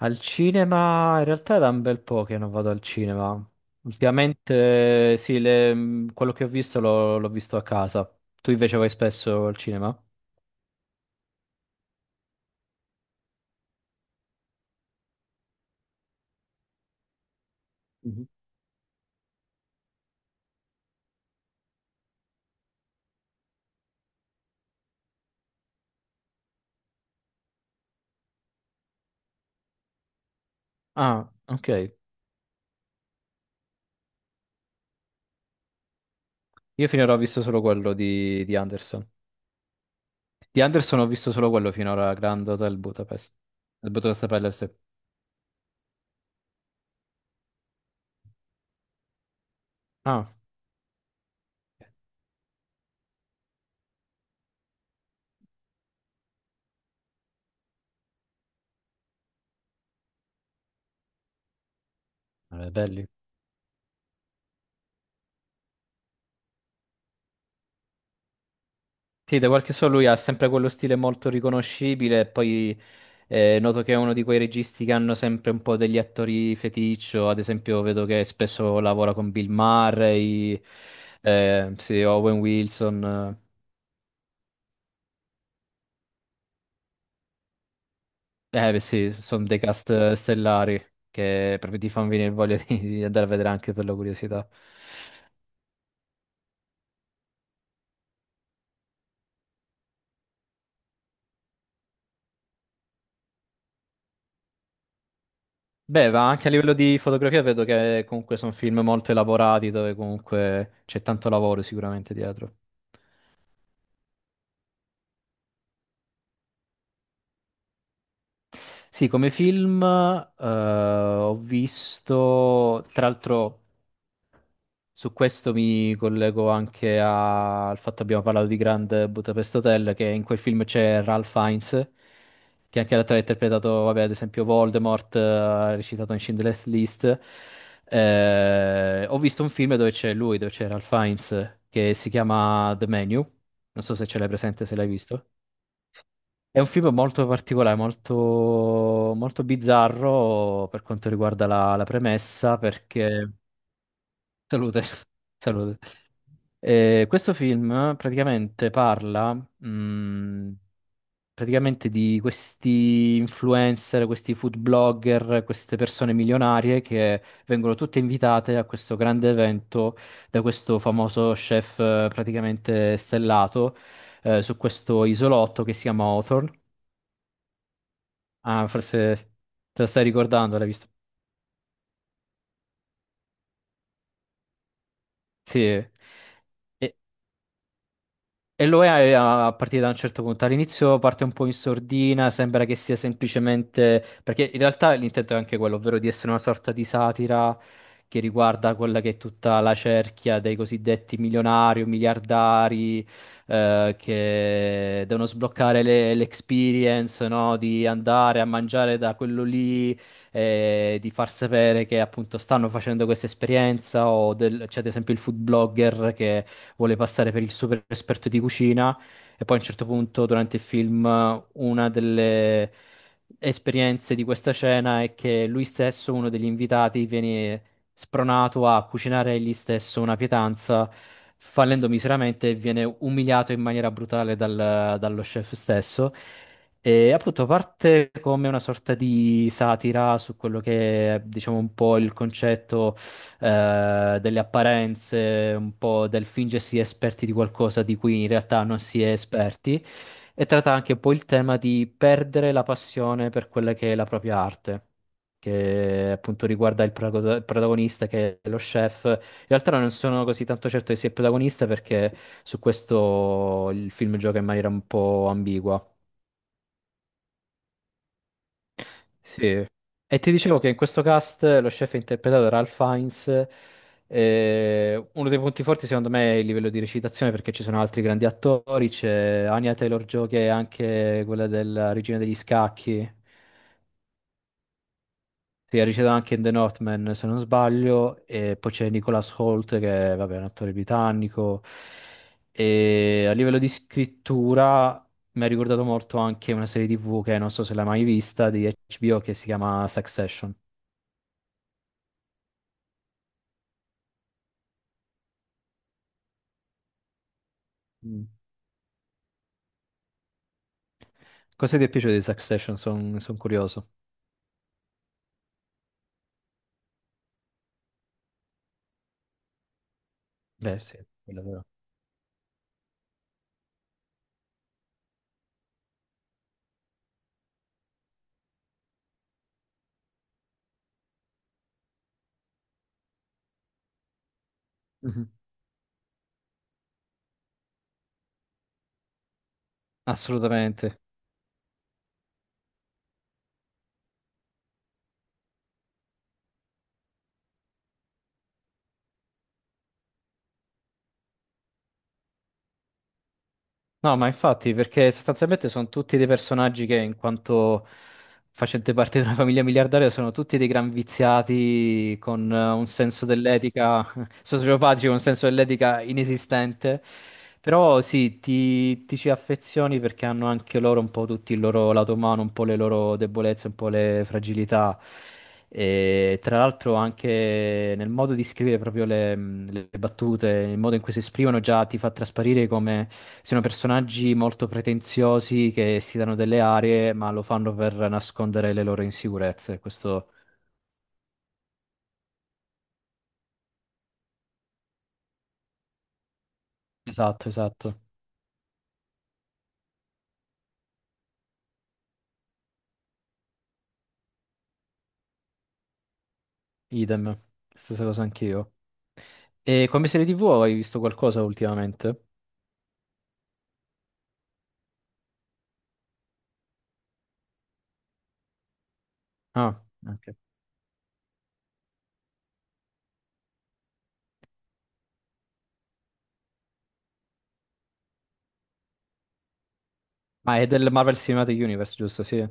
Al cinema, in realtà è da un bel po' che non vado al cinema. Ultimamente, sì, quello che ho visto l'ho visto a casa. Tu invece vai spesso al cinema? Mhm. Ah, ok. Io finora ho visto solo quello di Anderson. Di Anderson ho visto solo quello finora, Grand Hotel Budapest. Il Budapest Hotel, sì. Ah, vabbè, belli. Sì, da quel che so lui ha sempre quello stile molto riconoscibile e poi noto che è uno di quei registi che hanno sempre un po' degli attori feticcio, ad esempio vedo che spesso lavora con Bill Murray, sì, Owen Wilson, eh beh, sì, sono dei cast stellari che proprio ti fanno venire voglia di andare a vedere anche per la curiosità. Beh, ma anche a livello di fotografia vedo che comunque sono film molto elaborati dove comunque c'è tanto lavoro sicuramente dietro. Sì, come film ho visto, tra l'altro su questo mi collego anche al fatto che abbiamo parlato di Grand Budapest Hotel, che in quel film c'è Ralph Fiennes, che anche l'attore ha interpretato, vabbè, ad esempio Voldemort, ha recitato in Schindler's List. Ho visto un film dove c'è lui, dove c'è Ralph Fiennes, che si chiama The Menu, non so se ce l'hai presente, se l'hai visto. È un film molto particolare, molto, molto bizzarro per quanto riguarda la premessa, perché. Salute, salute. Questo film praticamente parla, praticamente di questi influencer, questi food blogger, queste persone milionarie che vengono tutte invitate a questo grande evento da questo famoso chef praticamente stellato su questo isolotto che si chiama Hawthorne. Ah, forse te lo stai ricordando, l'hai visto? Sì. E, E lo è a partire da un certo punto. All'inizio parte un po' in sordina, sembra che sia semplicemente, perché in realtà l'intento è anche quello, ovvero di essere una sorta di satira che riguarda quella che è tutta la cerchia dei cosiddetti milionari o miliardari che devono sbloccare l'experience, no? Di andare a mangiare da quello lì, di far sapere che appunto stanno facendo questa esperienza o c'è ad esempio il food blogger che vuole passare per il super esperto di cucina e poi a un certo punto durante il film una delle esperienze di questa cena è che lui stesso, uno degli invitati, viene spronato a cucinare egli stesso una pietanza, fallendo miseramente e viene umiliato in maniera brutale dallo chef stesso. E appunto parte come una sorta di satira su quello che è, diciamo, un po' il concetto delle apparenze, un po' del fingersi esperti di qualcosa di cui in realtà non si è esperti, e tratta anche un po' il tema di perdere la passione per quella che è la propria arte. Che appunto riguarda il protagonista che è lo chef. In realtà non sono così tanto certo che sia il protagonista perché su questo il film gioca in maniera un po' ambigua. Sì, e ti dicevo che in questo cast lo chef è interpretato da Ralph Fiennes. Uno dei punti forti secondo me è il livello di recitazione perché ci sono altri grandi attori, c'è Anya Taylor-Joy che è anche quella della Regina degli Scacchi, che ha recitato anche in The Northman se non sbaglio, e poi c'è Nicholas Holt che è, vabbè, è un attore britannico. E a livello di scrittura mi ha ricordato molto anche una serie TV che non so se l'hai mai vista di HBO che si chiama Succession. Cosa ti è piaciuto di Succession? Sono curioso. Beh, sì, quello è vero. Mhm. Assolutamente. No, ma infatti, perché sostanzialmente sono tutti dei personaggi che, in quanto facente parte di una famiglia miliardaria, sono tutti dei gran viziati con un senso dell'etica. Sociopatico, un senso dell'etica inesistente. Però sì, ti ci affezioni perché hanno anche loro un po' tutti il loro lato umano, un po' le loro debolezze, un po' le fragilità. E tra l'altro anche nel modo di scrivere proprio le battute, il modo in cui si esprimono già ti fa trasparire come siano personaggi molto pretenziosi che si danno delle arie, ma lo fanno per nascondere le loro insicurezze. Questo. Esatto, esatto. Idem. Stessa cosa anch'io. E come serie TV hai visto qualcosa ultimamente? Ah, ok. Ah, è del Marvel Cinematic Universe, giusto? Sì.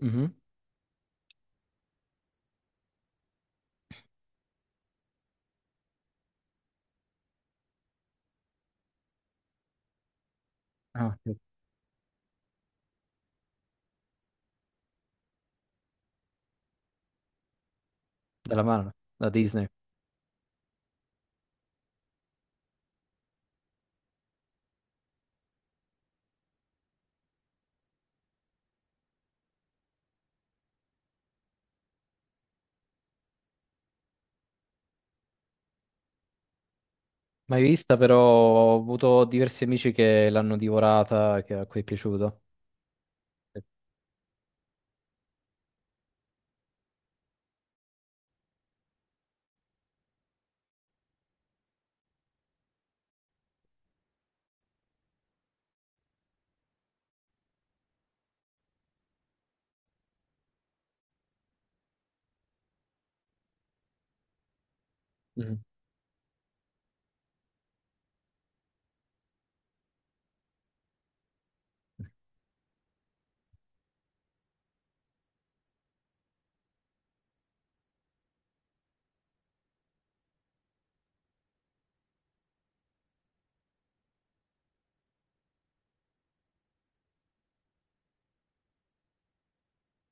Mhm. Ah, ok. Della Marvel, da Disney. Mai vista, però ho avuto diversi amici che l'hanno divorata, che a cui è piaciuto. Sì. Mhm.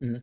Mhm.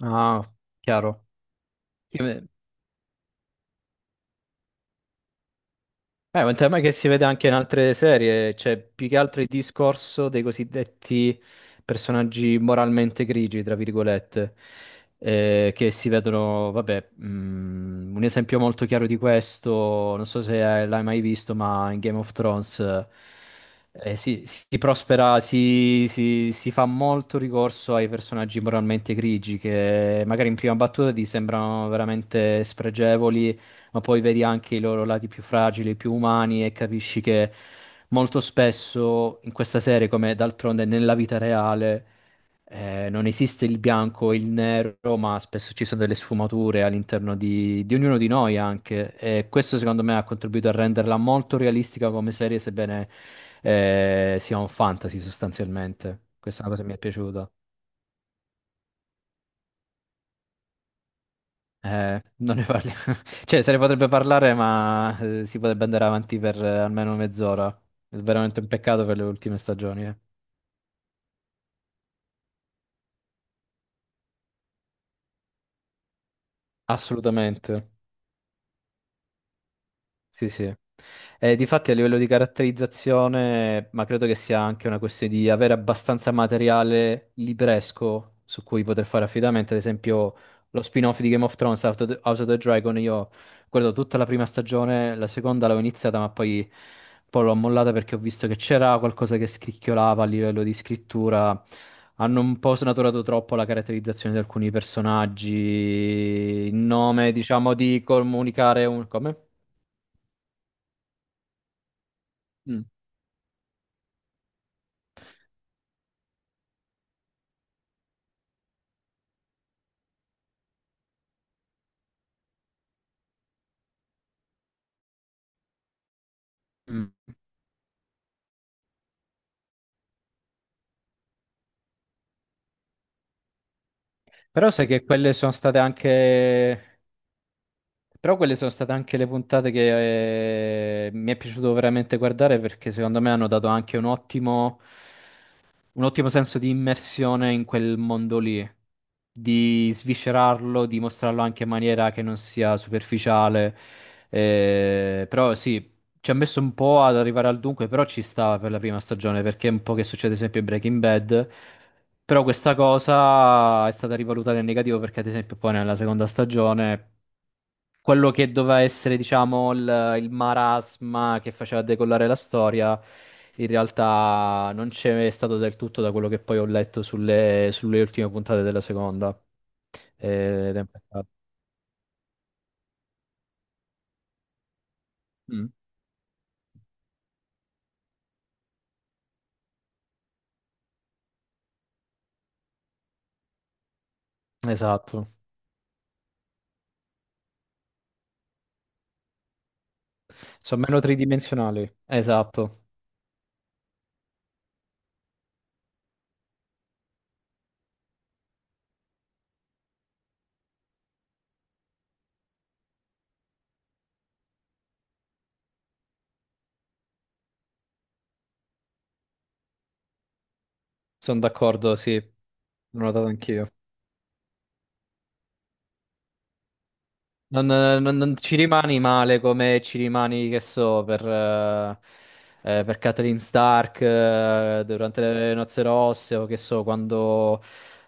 Ah, chiaro. Sì. È un tema che si vede anche in altre serie, cioè più che altro il discorso dei cosiddetti personaggi moralmente grigi, tra virgolette, che si vedono, vabbè, un esempio molto chiaro di questo, non so se l'hai mai visto, ma in Game of Thrones si prospera, si fa molto ricorso ai personaggi moralmente grigi, che magari in prima battuta ti sembrano veramente spregevoli ma poi vedi anche i loro lati più fragili, più umani e capisci che molto spesso in questa serie, come d'altronde nella vita reale, non esiste il bianco e il nero, ma spesso ci sono delle sfumature all'interno di ognuno di noi anche. E questo secondo me ha contribuito a renderla molto realistica come serie, sebbene sia un fantasy sostanzialmente. Questa è una cosa che mi è piaciuta. Non ne parliamo. Cioè, se ne potrebbe parlare, ma si potrebbe andare avanti per almeno mezz'ora. È veramente un peccato per le ultime stagioni, eh. Assolutamente. Sì, sì. E difatti a livello di caratterizzazione, ma credo che sia anche una questione di avere abbastanza materiale libresco su cui poter fare affidamento. Ad esempio, lo spin-off di Game of Thrones, House of the Dragon, io guardo tutta la prima stagione, la seconda l'avevo iniziata, ma poi, poi l'ho mollata perché ho visto che c'era qualcosa che scricchiolava a livello di scrittura. Hanno un po' snaturato troppo la caratterizzazione di alcuni personaggi, in nome, diciamo, di comunicare un. Come? Mm. Mm. Però sai che quelle sono state anche. Però quelle sono state anche le puntate che mi è piaciuto veramente guardare perché secondo me hanno dato anche un ottimo senso di immersione in quel mondo lì, di sviscerarlo, di mostrarlo anche in maniera che non sia superficiale. Però sì, ci ha messo un po' ad arrivare al dunque, però ci stava per la prima stagione perché è un po' che succede sempre in Breaking Bad. Però questa cosa è stata rivalutata in negativo perché ad esempio poi nella seconda stagione quello che doveva essere, diciamo, il marasma che faceva decollare la storia, in realtà non c'è stato del tutto da quello che poi ho letto sulle ultime puntate della seconda. Ed è un peccato. Mm, esatto. Sono meno tridimensionali. Esatto. Sono d'accordo, sì. L'ho notato anch'io. Non ci rimani male come ci rimani, che so, per Catelyn Stark durante le nozze rosse o che so, quando,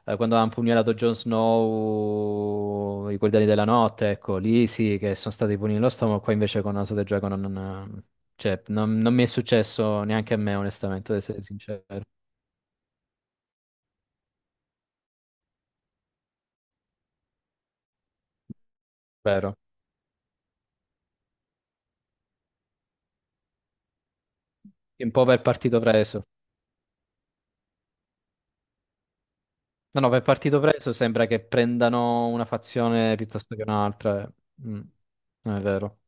eh, quando ha impugnalato Jon Snow i Guardiani della Notte, ecco, lì sì che sono stati pugni nello stomaco, qua invece con House of the Dragon non, cioè, non mi è successo neanche a me, onestamente, ad essere sincero. Vero. Un po' per partito preso. No, no, per partito preso sembra che prendano una fazione piuttosto che un'altra. Eh. Mm, Non è vero.